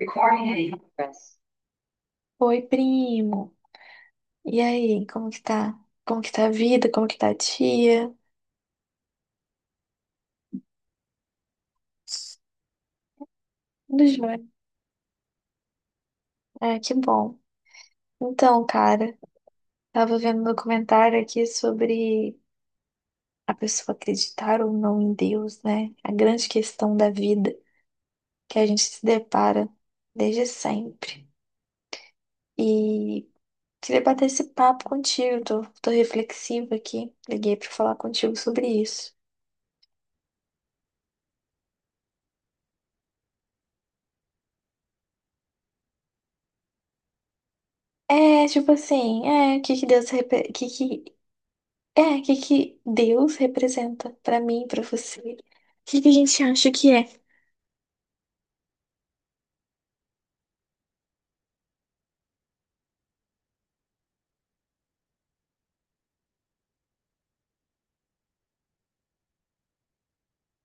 Recording in progress. Oi, primo. E aí, como que tá? Como que tá a vida? Como que tá a tia? Tudo jóia. É, que bom. Então, cara, tava vendo um documentário aqui sobre a pessoa acreditar ou não em Deus, né? A grande questão da vida que a gente se depara desde sempre. E queria bater esse papo contigo, tô, reflexiva aqui. Liguei pra falar contigo sobre isso. É, tipo assim, é, o que que Deus, repe- o que que é, o que que Deus representa pra mim, pra você? O que que a gente acha que é?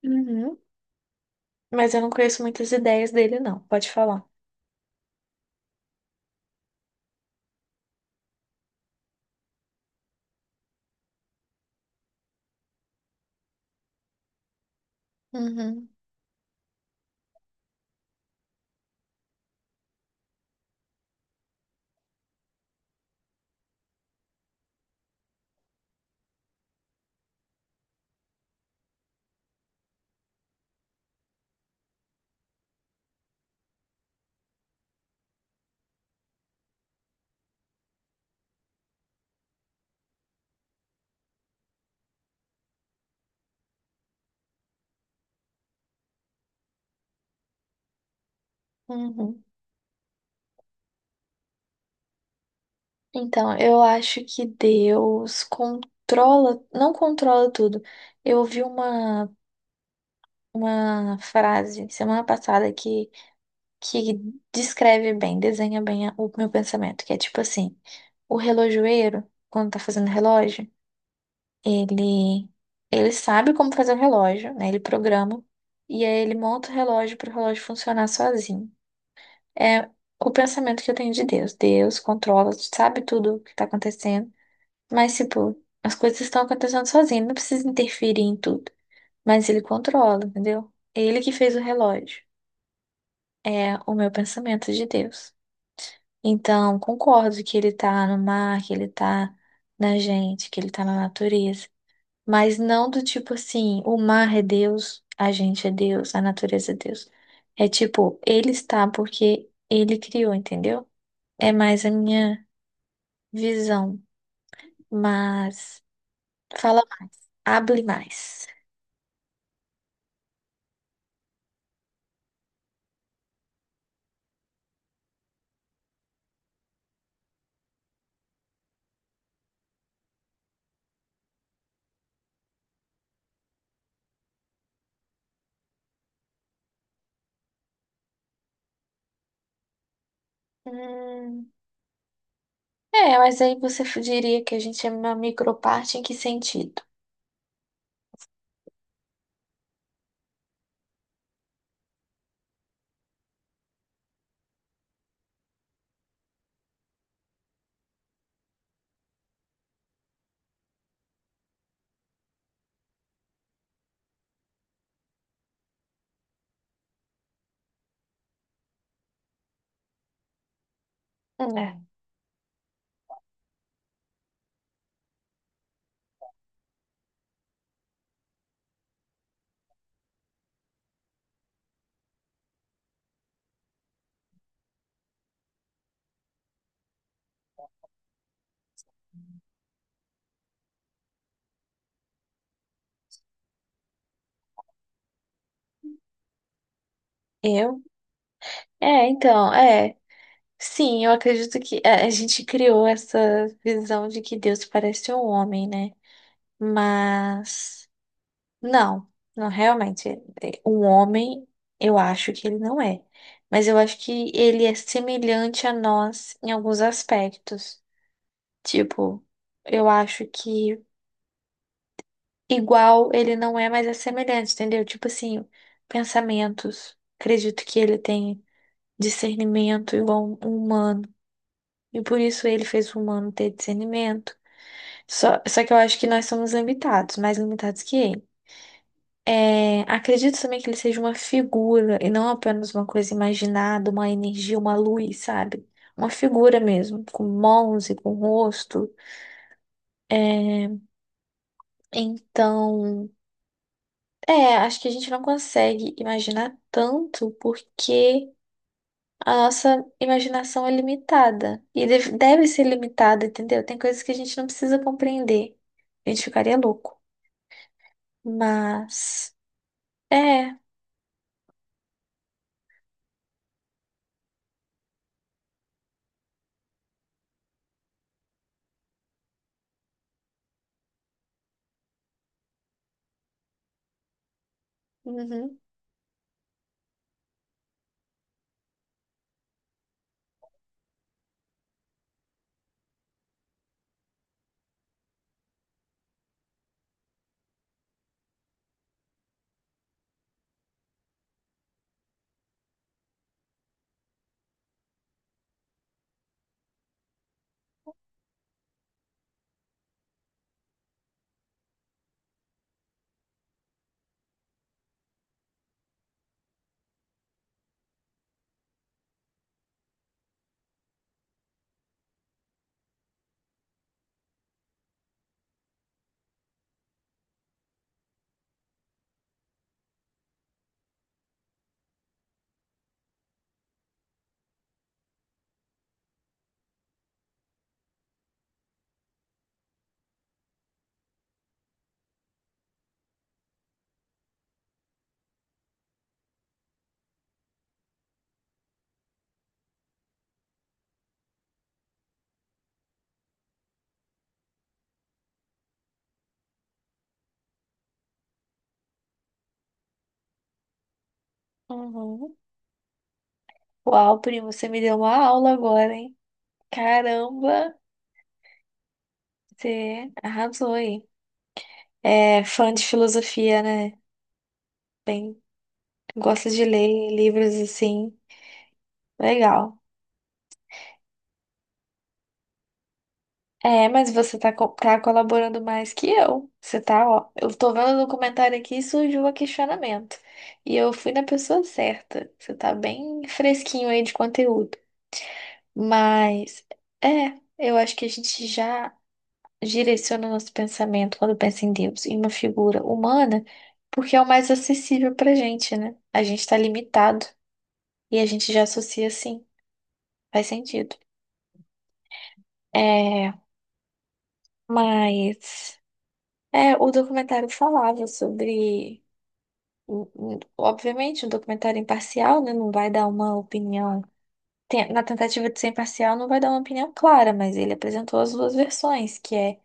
Uhum. Mas eu não conheço muitas ideias dele, não. Pode falar. Uhum. Uhum. Então, eu acho que Deus controla, não controla tudo. Eu ouvi uma, frase semana passada que descreve bem, desenha bem o meu pensamento, que é tipo assim, o relojoeiro, quando tá fazendo relógio, ele, sabe como fazer o relógio, né? Ele programa e aí ele monta o relógio para o relógio funcionar sozinho. É o pensamento que eu tenho de Deus. Deus controla, sabe tudo o que está acontecendo, mas tipo, as coisas estão acontecendo sozinho, ele não precisa interferir em tudo, mas ele controla, entendeu? Ele que fez o relógio. É o meu pensamento de Deus. Então, concordo que ele tá no mar, que ele tá na gente, que ele tá na natureza. Mas não do tipo assim, o mar é Deus, a gente é Deus, a natureza é Deus. É tipo, ele está porque ele criou, entendeu? É mais a minha visão. Mas fala mais, abre mais. Hum, é, mas aí você diria que a gente é uma microparte em que sentido? É. Eu? É, então, é. Sim, eu acredito que é, a gente criou essa visão de que Deus parece um homem, né? Mas não, não realmente. É, um homem, eu acho que ele não é. Mas eu acho que ele é semelhante a nós em alguns aspectos. Tipo, eu acho que igual ele não é, mas é semelhante, entendeu? Tipo assim, pensamentos. Acredito que ele tem discernimento igual um humano. E por isso ele fez o humano ter discernimento. Só, que eu acho que nós somos limitados, mais limitados que ele. É, acredito também que ele seja uma figura e não apenas uma coisa imaginada, uma energia, uma luz, sabe? Uma figura mesmo, com mãos e com rosto. É, então, é, acho que a gente não consegue imaginar tanto porque a nossa imaginação é limitada e deve ser limitada, entendeu? Tem coisas que a gente não precisa compreender. A gente ficaria louco. Mas, é. Uhum, uhum. Uau, primo, você me deu uma aula agora, hein? Caramba, você arrasou aí. É fã de filosofia, né? Bem, gosta de ler livros assim. Legal. É, mas você tá, tá colaborando mais que eu. Você tá, ó. Eu tô vendo no comentário aqui e surgiu um questionamento. E eu fui na pessoa certa. Você tá bem fresquinho aí de conteúdo. Mas, é, eu acho que a gente já direciona nosso pensamento quando pensa em Deus, em uma figura humana, porque é o mais acessível pra gente, né? A gente tá limitado e a gente já associa assim. Faz sentido. É, mas é, o documentário falava sobre, o- obviamente, um documentário imparcial, né? Não vai dar uma opinião. Na tentativa de ser imparcial, não vai dar uma opinião clara, mas ele apresentou as duas versões, que é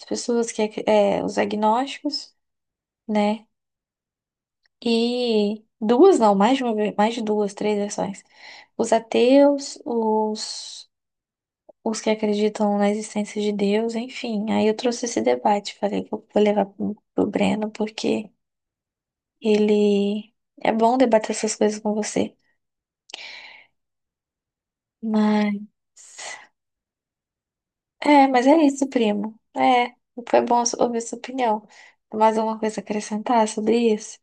as pessoas que é, é, os agnósticos, né? E duas, não, mais de uma, mais de duas, três versões. Os ateus, os que acreditam na existência de Deus, enfim. Aí eu trouxe esse debate, falei que eu vou levar pro Breno, porque ele é bom debater essas coisas com você. Mas mas é isso, primo. É, foi bom ouvir sua opinião. Mais alguma coisa a acrescentar sobre isso?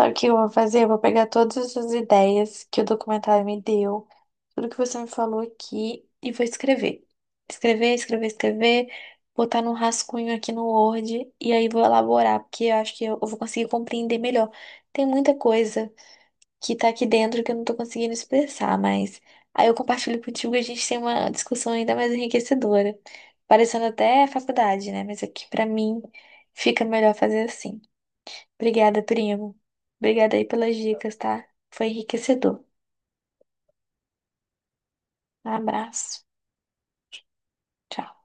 Sabe o que eu vou fazer? Eu vou pegar todas essas ideias que o documentário me deu, tudo que você me falou aqui, e vou escrever. Escrever, escrever, escrever, botar num rascunho aqui no Word, e aí vou elaborar, porque eu acho que eu vou conseguir compreender melhor. Tem muita coisa que tá aqui dentro que eu não tô conseguindo expressar, mas aí eu compartilho contigo e a gente tem uma discussão ainda mais enriquecedora. Parecendo até faculdade, né? Mas aqui, pra mim, fica melhor fazer assim. Obrigada, primo. Obrigada aí pelas dicas, tá? Foi enriquecedor. Um abraço. Tchau.